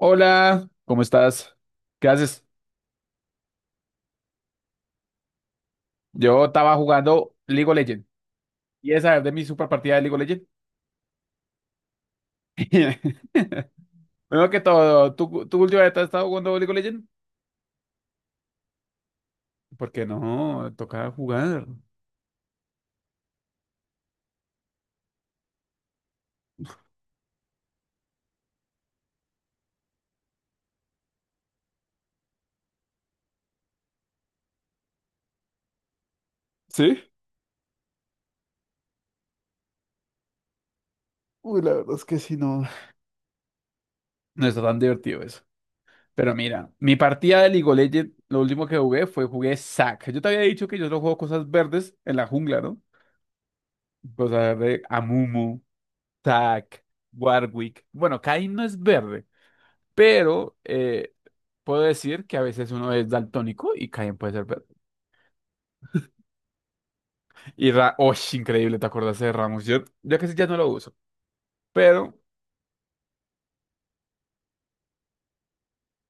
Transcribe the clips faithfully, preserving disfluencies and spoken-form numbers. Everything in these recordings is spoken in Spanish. Hola, ¿cómo estás? ¿Qué haces? Yo estaba jugando League of Legends. ¿Y esa es de mi super partida de League of Legends? Primero que todo, ¿tú, tú últimamente has estado jugando League of Legends? Porque no, toca jugar. ¿Sí? Uy, la verdad es que sí, no. No está tan divertido eso. Pero mira, mi partida de League of Legends, lo último que jugué fue jugué Zac. Yo te había dicho que yo solo juego cosas verdes en la jungla, ¿no? Cosas de Amumu, Zac, Warwick. Bueno, Kayn no es verde. Pero eh, puedo decir que a veces uno es daltónico y Caen puede ser verde. Y Ra, ¡Oh, increíble! ¿Te acordaste de Ramos? Yo, yo casi ya no lo uso. Pero,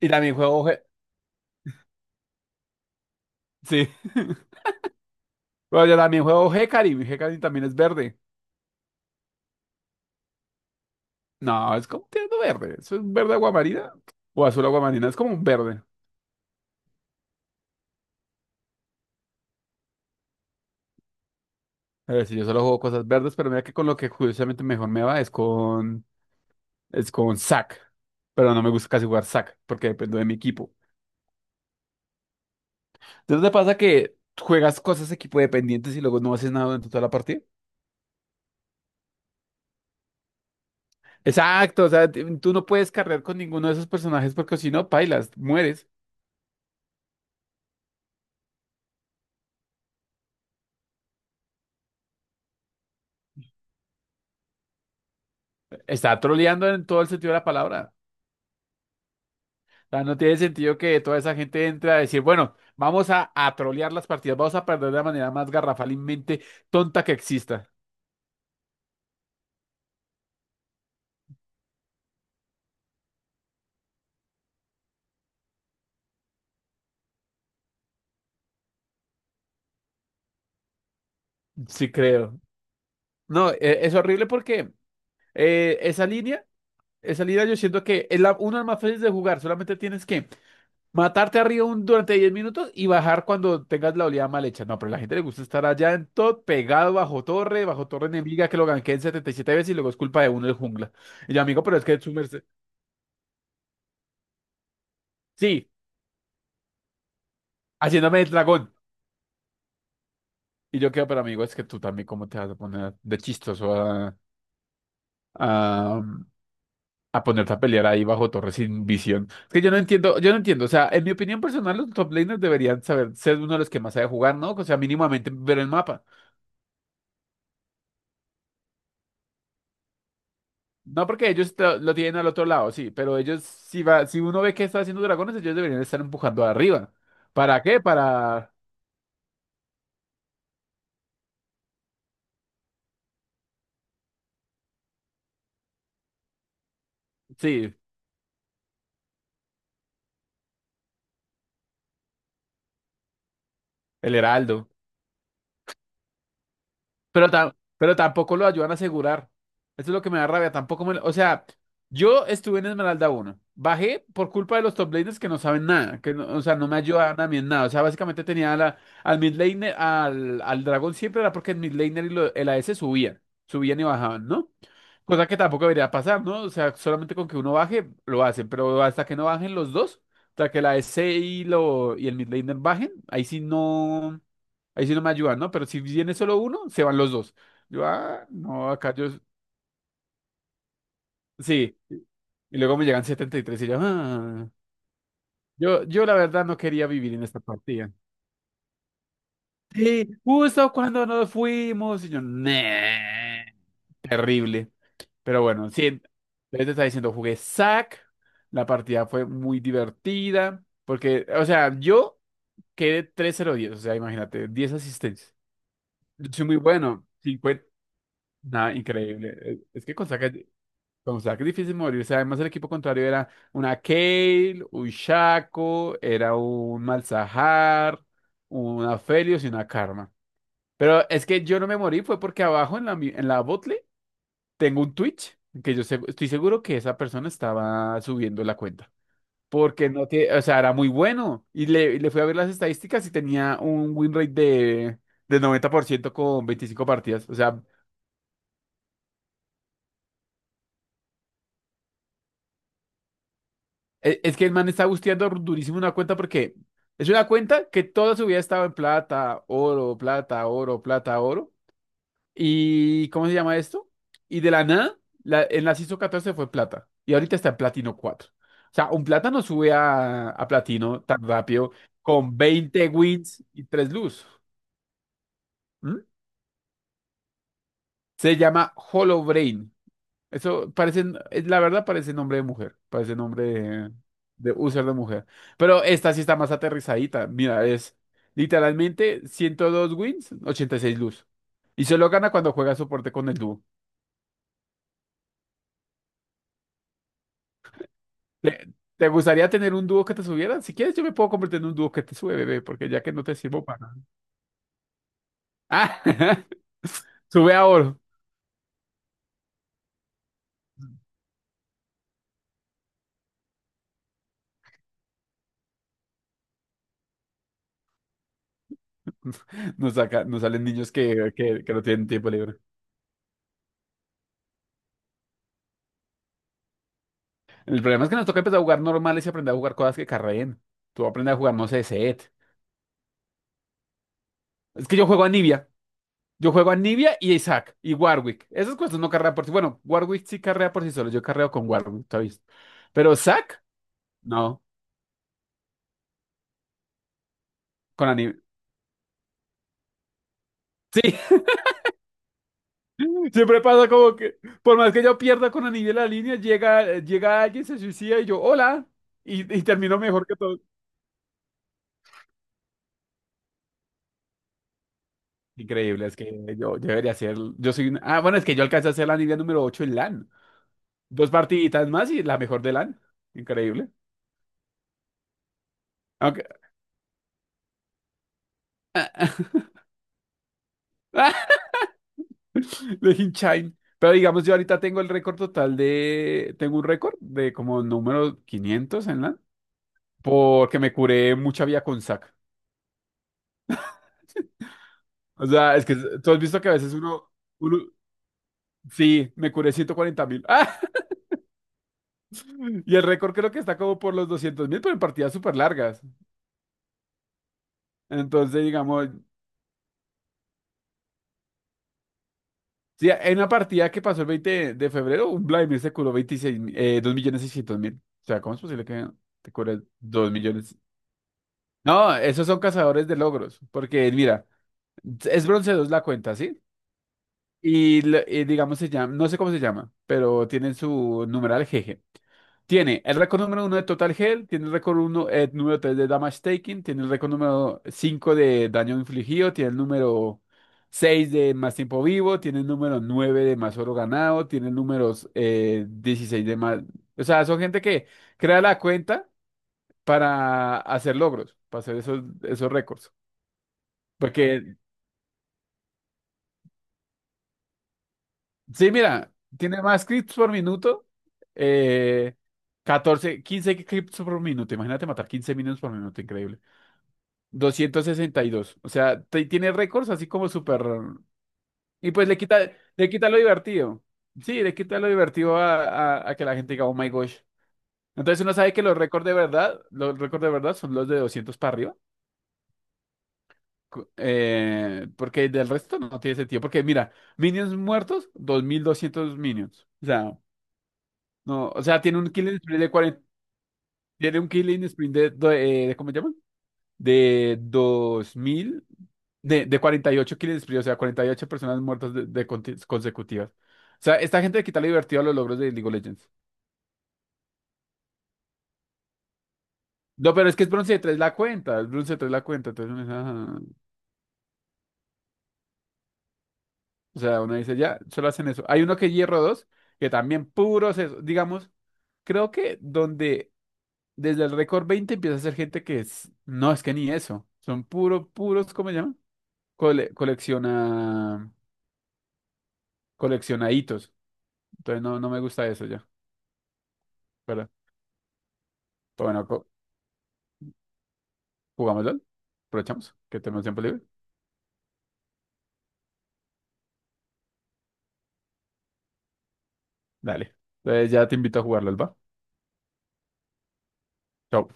y también juego G. Sí. Bueno, yo también juego Hecarim. Y Hecarim también es verde. No, es como un tierno verde. Es un verde aguamarina o azul aguamarina. Es como un verde. A ver, si yo solo juego cosas verdes, pero mira que con lo que curiosamente mejor me va es con, es con Zac. Pero no me gusta casi jugar Zac porque dependo de mi equipo. Entonces te pasa que juegas cosas equipo dependientes y luego no haces nada durante toda la partida. Exacto, o sea, t- tú no puedes cargar con ninguno de esos personajes porque si no, pailas, mueres. Está troleando en todo el sentido de la palabra. O sea, no tiene sentido que toda esa gente entre a decir, bueno, vamos a, a trolear las partidas, vamos a perder de la manera más garrafalmente tonta que exista. Sí, creo. No, e- es horrible porque eh, esa línea, esa línea yo siento que es la, una de las más fáciles de jugar, solamente tienes que matarte arriba un- durante diez minutos y bajar cuando tengas la oleada mal hecha. No, pero a la gente le gusta estar allá en todo, pegado bajo torre, bajo torre enemiga, que lo ganqueen setenta y siete veces y luego es culpa de uno el jungla. Y yo, amigo, pero es que su merced- sí, haciéndome el dragón. Y yo quedo, pero amigo, es que tú también, ¿cómo te vas a poner de chistoso a, a, a ponerte a pelear ahí bajo torre sin visión? Es que yo no entiendo, yo no entiendo. O sea, en mi opinión personal, los top laners deberían saber ser uno de los que más sabe jugar, ¿no? O sea, mínimamente ver el mapa. No, porque ellos te- lo tienen al otro lado, sí, pero ellos, si va, si uno ve que está haciendo dragones, ellos deberían estar empujando arriba. ¿Para qué? Para, sí, el heraldo. Pero, ta- pero tampoco lo ayudan a asegurar. Esto es lo que me da rabia. Tampoco me... O sea, yo estuve en Esmeralda uno, bajé por culpa de los top laners que no saben nada. Que no- O sea, no me ayudaban a mí en nada. O sea, básicamente tenía a la, al mid laner, al, al dragón siempre era porque el mid laner y lo- el a AS subían. Subían y bajaban, ¿no? Cosa que tampoco debería pasar, ¿no? O sea, solamente con que uno baje, lo hacen. Pero hasta que no bajen los dos, hasta que el a AS y, lo, y el mid laner bajen, ahí sí no. Ahí sí no me ayudan, ¿no? Pero si viene solo uno, se van los dos. Yo, ah, no, acá yo, sí. Y luego me llegan setenta y tres y yo, ah. Yo, yo la verdad no quería vivir en esta partida. Sí, justo cuando nos fuimos. Y yo, "Nah". Terrible. Pero bueno, sí. Entonces te está diciendo, jugué SAC. La partida fue muy divertida. Porque, o sea, yo quedé tres cero diez. O sea, imagínate, diez asistencias. Yo soy muy bueno. cincuenta. Nada, increíble. Eh, Es que con SAC, con saques difícil morirse. Además, el equipo contrario era una Kale, un Shaco, era un Malzahar, una Felios y una Karma. Pero es que yo no me morí, fue porque abajo en la, mi- en la botlane tengo un Twitch que yo se- estoy seguro que esa persona estaba subiendo la cuenta. Porque no tiene, o sea, era muy bueno. Y le, y le fui a ver las estadísticas y tenía un win rate de, de noventa por ciento con veinticinco partidas. O sea, e- Es que el man está busteando durísimo una cuenta porque es una cuenta que toda su vida ha estado en plata, oro, plata, oro, plata, oro. ¿Y cómo se llama esto? Y de la nada, la, en la CISO catorce fue plata. Y ahorita está en platino cuatro. O sea, un plata no sube a, a platino tan rápido con veinte wins y tres luz. ¿Mm? Se llama Hollow. Eso parece, eh, la verdad parece nombre de mujer, parece nombre de, de user de mujer. Pero esta sí está más aterrizadita. Mira, es literalmente ciento dos wins, ochenta y seis luz. Y solo gana cuando juega soporte con el dúo. ¿Te, te gustaría tener un dúo que te subiera? Si quieres, yo me puedo convertir en un dúo que te sube, bebé, porque ya que no te sirvo para nada. Ah, sube a oro. Nos saca, nos salen niños que, que, que no tienen tiempo libre. El problema es que nos toca empezar a jugar normales y aprender a jugar cosas que carreen. Tú aprendes a jugar, no sé, set. Es que yo juego a Nibia. Yo juego a Nibia y a Isaac y Warwick. Esas cosas no carrean por sí. Bueno, Warwick sí carrea por sí solo. Yo carreo con Warwick, ¿está visto? Pero Zack, no, con Anivia. Sí, siempre pasa como que, por más que yo pierda con Anivia la línea, llega, llega alguien, se suicida y yo, hola, y, y termino mejor que todo. Increíble, es que yo, yo debería ser, yo soy, un- ah, bueno, es que yo alcancé a ser la Anivia número ocho en LAN. Dos partiditas más y la mejor de LAN. Increíble. Aunque, de Inchine. Pero digamos, yo ahorita tengo el récord total de... Tengo un récord de como número quinientos en LAN. Porque me curé mucha vía con sac. O sea, es que tú has visto que a veces uno... uno sí, me curé ciento cuarenta mil. Y el récord creo que está como por los doscientos mil, pero en partidas súper largas. Entonces, digamos... Sí, en una partida que pasó el veinte de febrero, un Vladimir se curó veintiséis eh, 2 millones seiscientos mil. O sea, ¿cómo es posible que te cures dos millones? No, esos son cazadores de logros, porque mira, es bronce dos la cuenta, ¿sí? Y, lo- y digamos se llama, no sé cómo se llama, pero tienen su numeral G G. Tiene el récord número uno de Total Hell, tiene el récord uno, eh, número tres de Damage Taking, tiene el récord número cinco de Daño Infligido, tiene el número seis de Más Tiempo Vivo, tiene el número nueve de Más Oro Ganado, tiene el número eh, dieciséis de más... O sea, son gente que crea la cuenta para hacer logros, para hacer esos, esos récords. Porque, sí, mira, tiene más clips por minuto. Eh, catorce, quince clips por minuto. Imagínate matar quince minutos por minuto, increíble. Doscientos sesenta y dos. O sea, te- tiene récords así como súper. Y pues le quita, le quita lo divertido. Sí, le quita lo divertido a, a- a que la gente diga, oh my gosh. Entonces uno sabe que los récords de verdad, los récords de verdad son los de doscientos para arriba. Cu- eh, porque del resto no tiene sentido. Porque mira, minions muertos, dos mil doscientos minions. O sea, no, o sea, tiene un killing sprint de cuarenta, tiene un killing sprint de, do- eh, de- ¿cómo se llama? De dos mil de, de cuarenta y ocho killing sprint, o sea, cuarenta y ocho personas muertas de, de conti- consecutivas. O sea, esta gente le quita lo divertido a los logros de League of Legends. No, pero es que es bronce tres la cuenta, es bronce tres la cuenta, entonces uno dice, "Ajá". O sea, uno dice, ya, solo hacen eso. Hay uno que es hierro dos que también puros eso, digamos, creo que donde desde el récord veinte empieza a ser gente que es, no, es que ni eso, son puro, puros, ¿cómo se llama? cole- colecciona, colecciona hitos. Entonces no, no me gusta eso ya. Pero, pero bueno, co- jugamos LOL. Aprovechamos que tenemos tiempo libre. Dale. Entonces ya te invito a jugar LOL, ¿va? Chao.